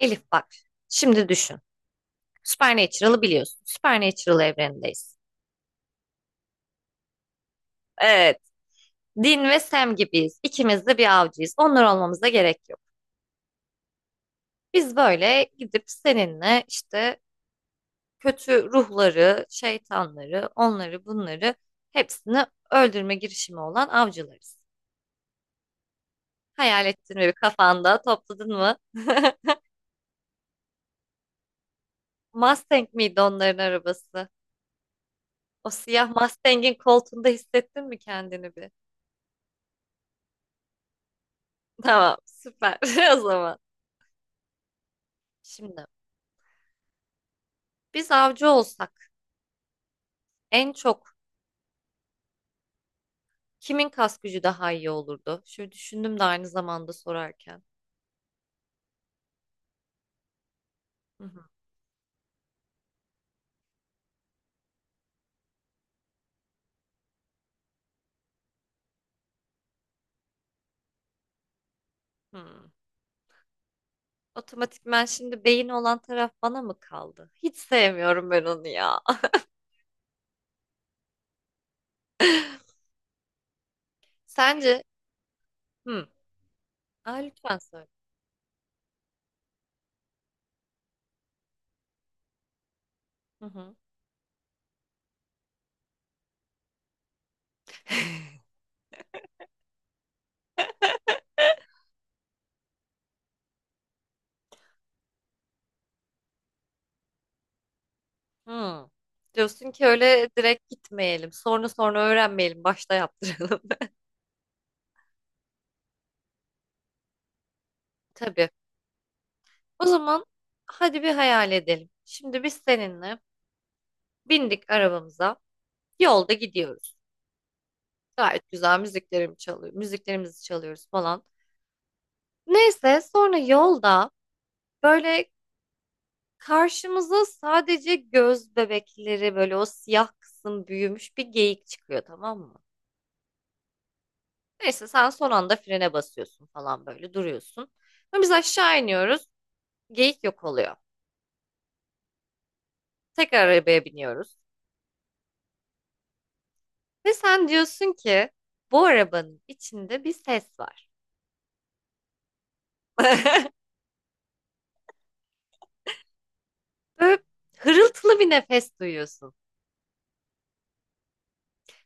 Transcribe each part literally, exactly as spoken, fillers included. Elif bak, şimdi düşün. Supernatural'ı biliyorsun. Supernatural evrenindeyiz. Evet, Dean ve Sam gibiyiz. İkimiz de bir avcıyız. Onlar olmamıza gerek yok. Biz böyle gidip seninle işte kötü ruhları, şeytanları, onları bunları hepsini öldürme girişimi olan avcılarız. Hayal ettin mi bir kafanda, topladın mı? Mustang miydi onların arabası? O siyah Mustang'in koltuğunda hissettin mi kendini bir? Tamam, süper o zaman. Şimdi biz avcı olsak en çok kimin kas gücü daha iyi olurdu? Şöyle düşündüm de aynı zamanda sorarken. Hı hı. Hmm. Otomatikman şimdi beyin olan taraf bana mı kaldı? Hiç sevmiyorum ben onu ya. Sence? Hı. Aa, lütfen söyle. Hı hı. Hı. Diyorsun ki öyle direkt gitmeyelim. Sonra sonra öğrenmeyelim. Başta yaptıralım. Tabii. O zaman hadi bir hayal edelim. Şimdi biz seninle bindik arabamıza. Yolda gidiyoruz. Gayet güzel müziklerimi çalıyor, müziklerimizi çalıyoruz falan. Neyse sonra yolda böyle karşımıza sadece göz bebekleri böyle o siyah kısım büyümüş bir geyik çıkıyor, tamam mı? Neyse sen son anda frene basıyorsun falan, böyle duruyorsun. Ama biz aşağı iniyoruz, geyik yok oluyor. Tekrar arabaya biniyoruz. Ve sen diyorsun ki bu arabanın içinde bir ses var. Böyle hırıltılı bir nefes duyuyorsun.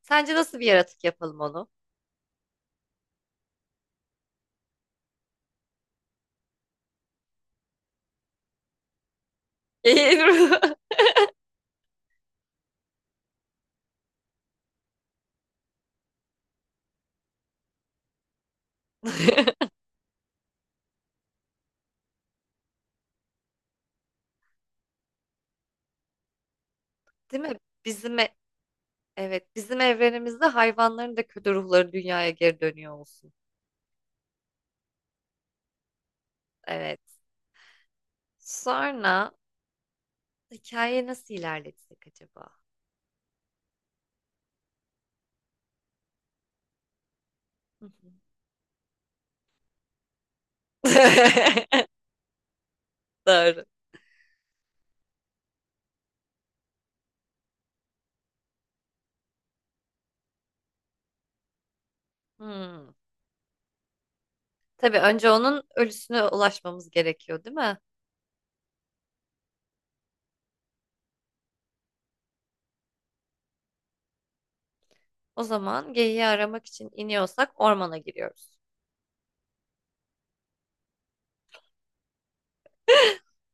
Sence nasıl bir yaratık yapalım onu? Eğil. Değil mi? Bizim e- evet, bizim evrenimizde hayvanların da kötü ruhları dünyaya geri dönüyor olsun. Evet. Sonra hikaye nasıl ilerletsek acaba? Hı hı. Doğru. Hmm. Tabii önce onun ölüsüne ulaşmamız gerekiyor, değil mi? O zaman geyiği aramak için iniyorsak ormana giriyoruz.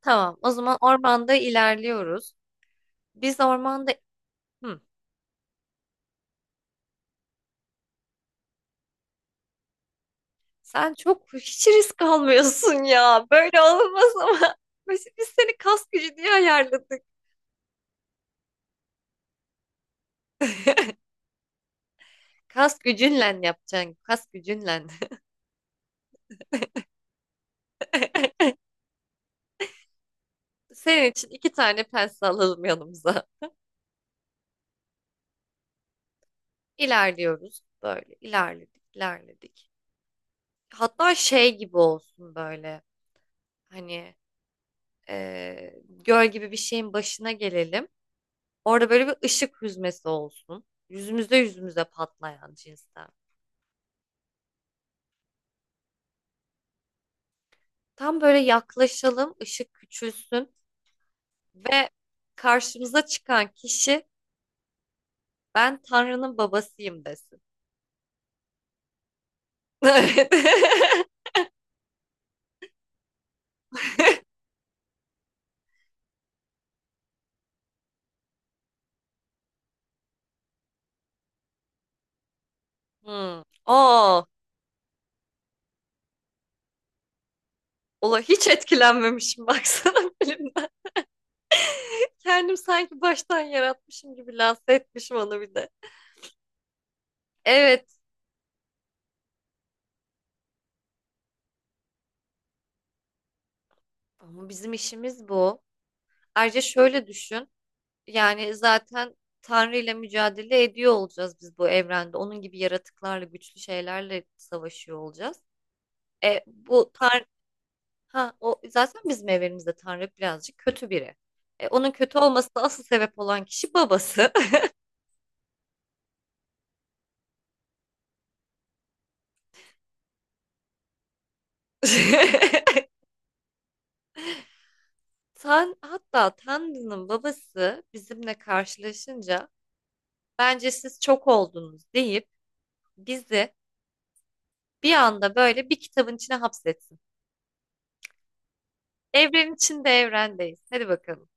Tamam. O zaman ormanda ilerliyoruz. Biz ormanda. Hı. Sen çok hiç risk almıyorsun ya. Böyle olmaz ama. Biz biz seni kas gücü diye ayarladık. Kas gücünle yapacaksın. Kas gücünle. Senin için iki tane pense alalım yanımıza. İlerliyoruz böyle. İlerledik ilerledik. Hatta şey gibi olsun böyle. Hani eee, göl gibi bir şeyin başına gelelim. Orada böyle bir ışık hüzmesi olsun. Yüzümüze yüzümüze patlayan cinsten. Tam böyle yaklaşalım, ışık küçülsün. Ve karşımıza çıkan kişi ben Tanrı'nın babasıyım desin. Evet. Hmm. Aa, ola hiç etkilenmemişim baksana filmden. Kendim sanki baştan yaratmışım gibi lanse etmişim onu bir de. Evet, ama bizim işimiz bu. Ayrıca şöyle düşün. Yani zaten Tanrı ile mücadele ediyor olacağız biz bu evrende. Onun gibi yaratıklarla, güçlü şeylerle savaşıyor olacağız. E, bu Tanrı. Ha, o zaten bizim evrenimizde Tanrı birazcık kötü biri. E, onun kötü olmasına asıl sebep olan kişi babası. Tan, hatta Tanrı'nın babası bizimle karşılaşınca bence siz çok oldunuz deyip bizi bir anda böyle bir kitabın içine hapsetsin. Evren içinde evrendeyiz. Hadi bakalım.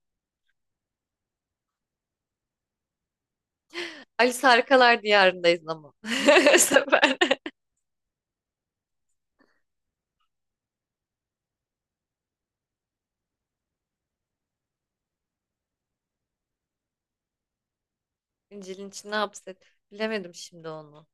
Alice Harikalar Diyarındayız ama. Bu sefer. İncil'in içine hapset. Bilemedim şimdi onu.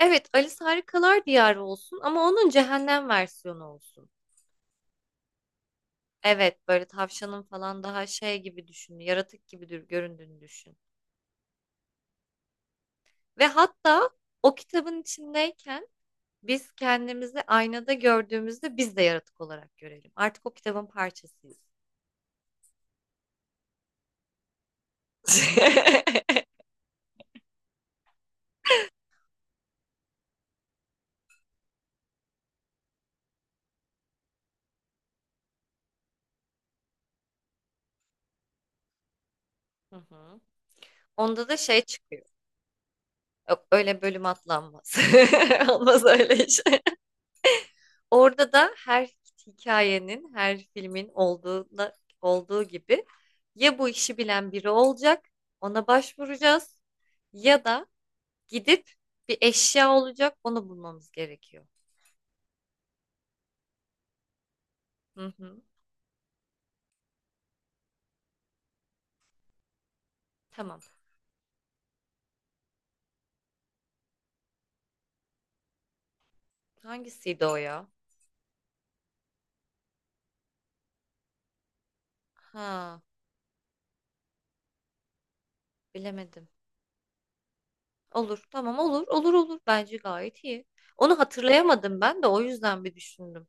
Evet, Alice Harikalar Diyarı olsun ama onun cehennem versiyonu olsun. Evet, böyle tavşanın falan daha şey gibi düşün, yaratık gibi dür- göründüğünü düşün. Ve hatta o kitabın içindeyken biz kendimizi aynada gördüğümüzde biz de yaratık olarak görelim. Artık o kitabın parçasıyız. Hı hı. Onda da şey çıkıyor. Yok, öyle bölüm atlanmaz. Olmaz öyle iş. Orada da her hikayenin, her filmin olduğuna, olduğu gibi ya bu işi bilen biri olacak, ona başvuracağız ya da gidip bir eşya olacak, onu bulmamız gerekiyor. Hı hı, tamam. Hangisiydi o ya? Ha, bilemedim. Olur, tamam, olur, olur olur. Bence gayet iyi. Onu hatırlayamadım ben de, o yüzden bir düşündüm.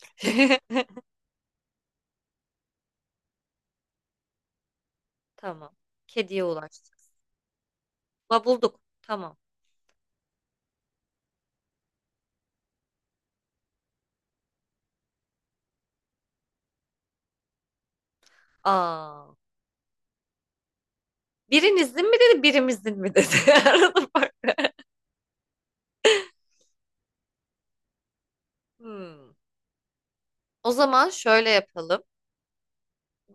Tamam. Kediye ulaştık. Ba bulduk. Tamam. Aa. Birinizin mi dedi, birimizin mi dedi? Arada fark. Hmm. O zaman şöyle yapalım.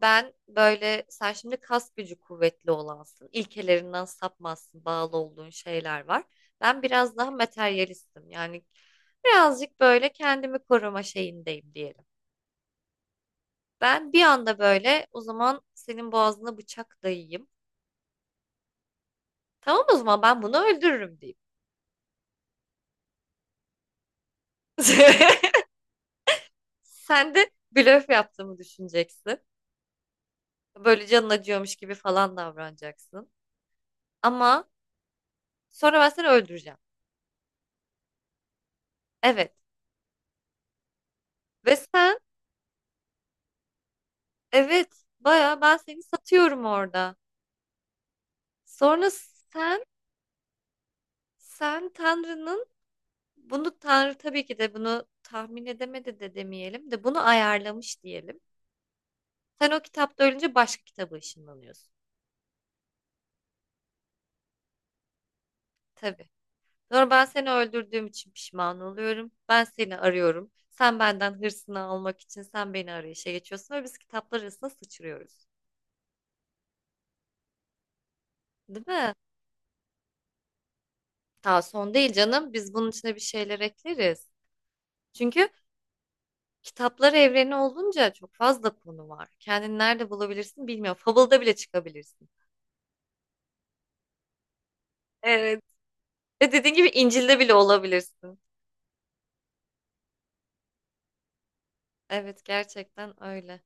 Ben böyle, sen şimdi kas gücü kuvvetli olansın. İlkelerinden sapmazsın. Bağlı olduğun şeyler var. Ben biraz daha materyalistim. Yani birazcık böyle kendimi koruma şeyindeyim diyelim. Ben bir anda böyle o zaman senin boğazına bıçak dayayayım. Tamam, o zaman ben bunu öldürürüm diyeyim. Sen de blöf yaptığımı düşüneceksin. Böyle canın acıyormuş gibi falan davranacaksın. Ama sonra ben seni öldüreceğim. Evet. Ve sen, evet, baya ben seni satıyorum orada. Sonra sen sen Tanrı'nın, bunu Tanrı tabii ki de bunu tahmin edemedi de demeyelim de, bunu ayarlamış diyelim. Sen o kitapta ölünce başka kitaba ışınlanıyorsun. Tabii. Sonra ben seni öldürdüğüm için pişman oluyorum. Ben seni arıyorum. Sen benden hırsını almak için sen beni arayışa geçiyorsun ve biz kitaplar arasında sıçrıyoruz. Değil mi? Ta son değil canım. Biz bunun içine bir şeyler ekleriz. Çünkü kitaplar evreni olunca çok fazla konu var. Kendini nerede bulabilirsin bilmiyorum. Fable'da bile çıkabilirsin. Evet. Ve dediğin gibi İncil'de bile olabilirsin. Evet, gerçekten öyle.